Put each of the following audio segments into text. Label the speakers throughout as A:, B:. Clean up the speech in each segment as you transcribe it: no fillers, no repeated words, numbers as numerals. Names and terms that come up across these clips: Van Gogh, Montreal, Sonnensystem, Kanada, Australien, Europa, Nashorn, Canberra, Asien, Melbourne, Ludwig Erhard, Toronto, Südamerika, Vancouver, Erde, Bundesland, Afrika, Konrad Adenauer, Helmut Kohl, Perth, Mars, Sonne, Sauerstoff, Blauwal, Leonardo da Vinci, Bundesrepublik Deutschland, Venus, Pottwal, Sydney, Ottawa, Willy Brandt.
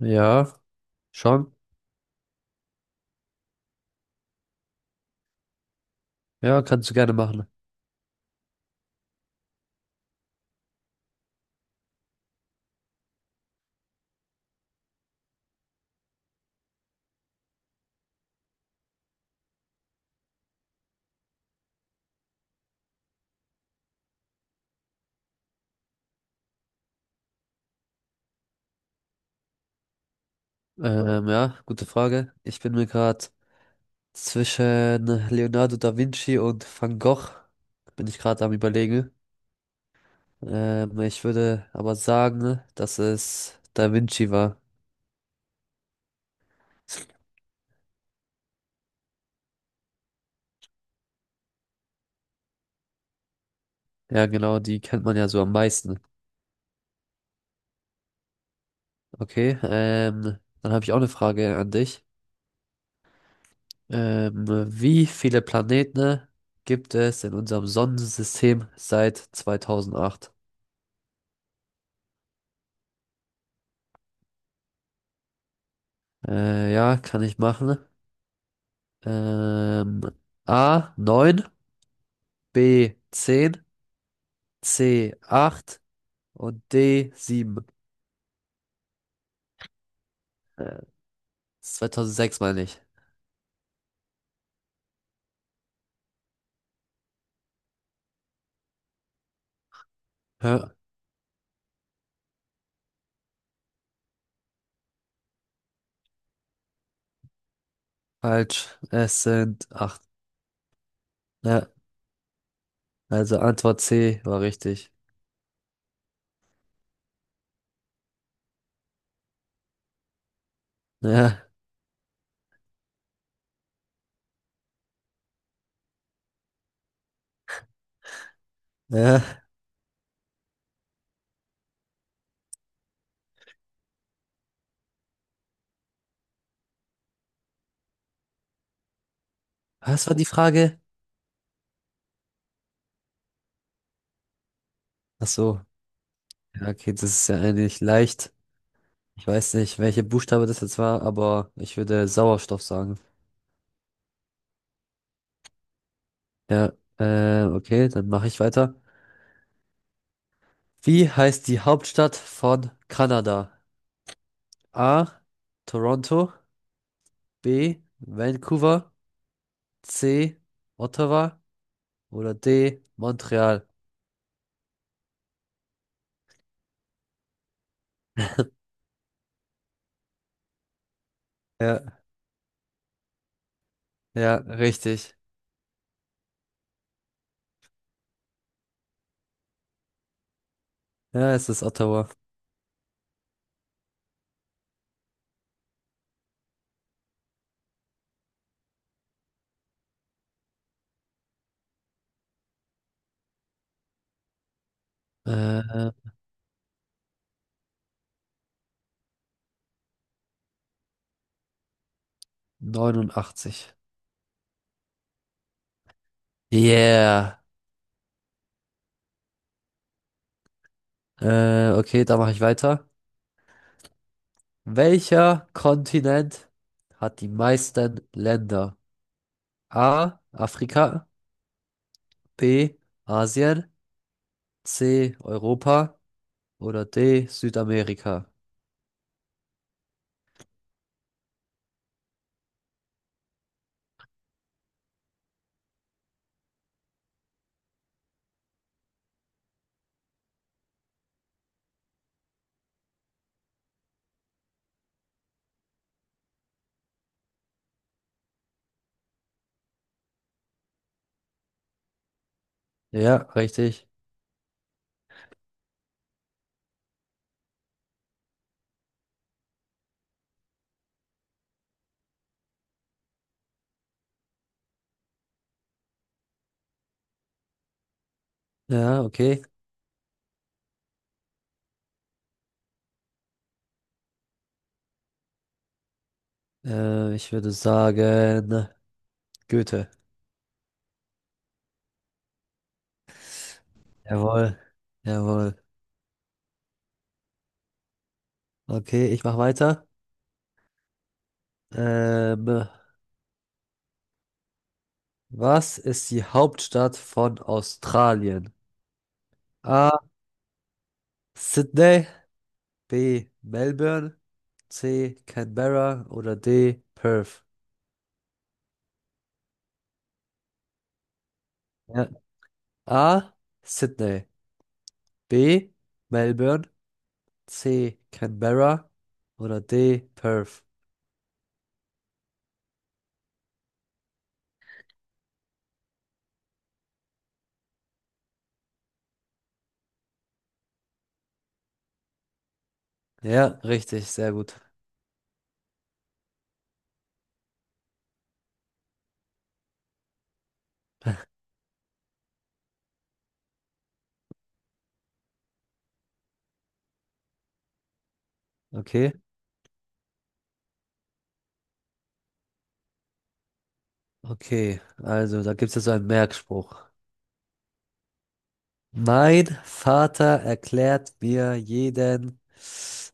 A: Ja, schon. Ja, kannst du gerne machen. Ja, gute Frage. Ich bin mir gerade zwischen Leonardo da Vinci und Van Gogh, bin ich gerade am Überlegen. Ich würde aber sagen, dass es da Vinci war. Ja, genau, die kennt man ja so am meisten. Okay, dann habe ich auch eine Frage an dich. Ähm, wie viele Planeten gibt es in unserem Sonnensystem seit 2008? Ja, kann ich machen. Ähm, A 9, B 10, C 8 und D 7. Äh, 2006 meine ich. Hä? Falsch. Es sind acht. Ja, also Antwort C war richtig. Ja, ja. Was war die Frage? Ach so. Ja, okay, das ist ja eigentlich leicht. Ich weiß nicht, welche Buchstabe das jetzt war, aber ich würde Sauerstoff sagen. Ja, okay, dann mache ich weiter. Wie heißt die Hauptstadt von Kanada? A. Toronto. B. Vancouver. C. Ottawa. Oder D. Montreal. Ja, ja, richtig. Ja, es ist Ottawa. Äh, 89. Yeah. Okay, da mache ich weiter. Welcher Kontinent hat die meisten Länder? A. Afrika. B. Asien. C. Europa. Oder D. Südamerika. Ja, richtig. Ja, okay. Ich würde sagen, Goethe. Jawohl. Jawohl. Okay, ich mache weiter. Ähm, was ist die Hauptstadt von Australien? A. Sydney, B. Melbourne, C. Canberra oder D. Perth. Ja. A. Sydney, B. Melbourne, C. Canberra oder D. Perth. Ja, richtig, sehr gut. Okay, okay. Also, da gibt es jetzt so einen Merkspruch. Mein Vater erklärt mir jeden,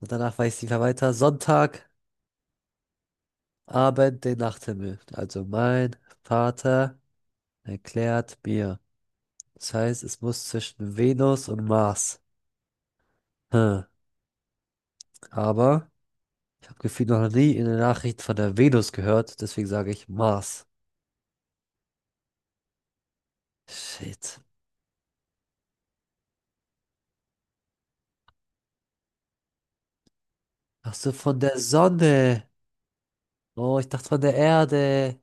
A: und danach weiß ich nicht mehr weiter, Sonntagabend den Nachthimmel. Also mein Vater erklärt mir. Das heißt, es muss zwischen Venus und Mars. Hm. Aber ich habe gefühlt noch nie in der Nachricht von der Venus gehört, deswegen sage ich Mars. Shit. Ach so, von der Sonne. Oh, ich dachte von der Erde.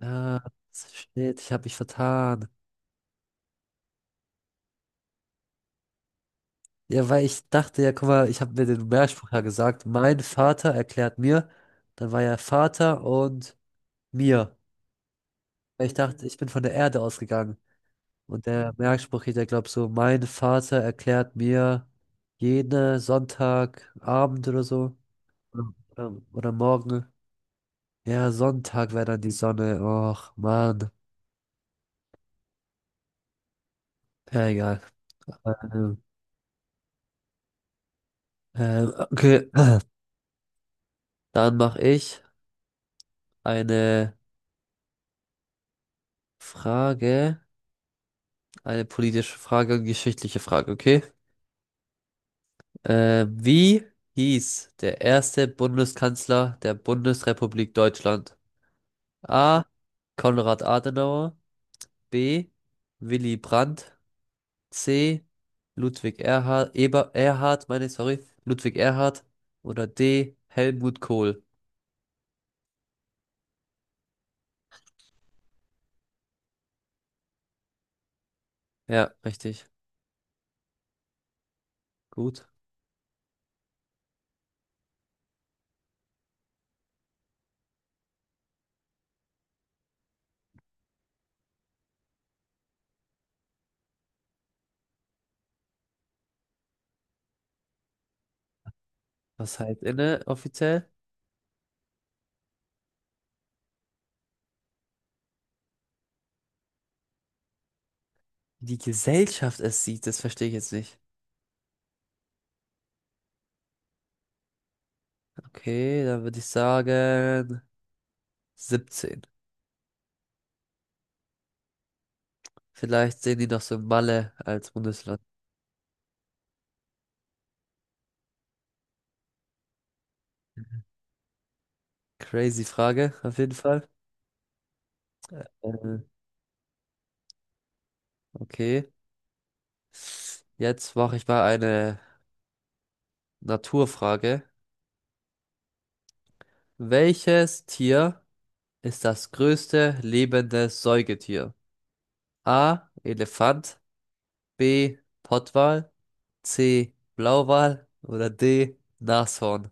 A: Ah, shit, ich habe mich vertan. Ja, weil ich dachte, ja, guck mal, ich habe mir den Mehrspruch ja gesagt. Mein Vater erklärt mir. Dann war ja Vater und mir. Weil ich dachte, mhm, ich bin von der Erde ausgegangen. Und der Merkspruch geht ja, glaub so, mein Vater erklärt mir jeden Sonntagabend oder so. Oder, oder morgen. Ja, Sonntag wäre dann die Sonne. Och, Mann. Ja, egal. Ähm, okay. Dann mache ich eine Frage. Eine politische Frage, geschichtliche Frage, okay? Wie hieß der erste Bundeskanzler der Bundesrepublik Deutschland? A. Konrad Adenauer, B. Willy Brandt, C. Ludwig Erhard, Eber, Erhard, meine ich, sorry, Ludwig Erhard oder D. Helmut Kohl. Ja, richtig. Gut. Was heißt inne offiziell? Die Gesellschaft es sieht, das verstehe ich jetzt nicht. Okay, dann würde ich sagen 17. Vielleicht sehen die noch so Malle als Bundesland. Crazy Frage, auf jeden Fall. Äh, okay, jetzt mache ich mal eine Naturfrage. Welches Tier ist das größte lebende Säugetier? A. Elefant, B. Pottwal, C. Blauwal oder D. Nashorn.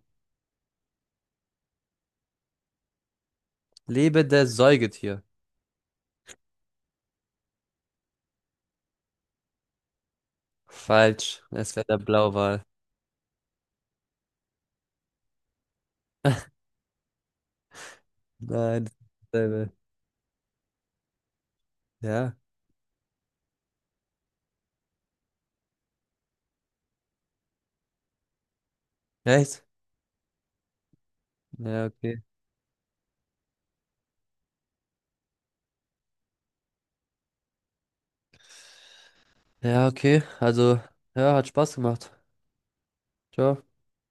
A: Lebende Säugetier. Falsch, es wäre der Blauwal. Nein, dasselbe. Ja, echt? Ja, okay. Ja, okay. Also, ja, hat Spaß gemacht. Ciao.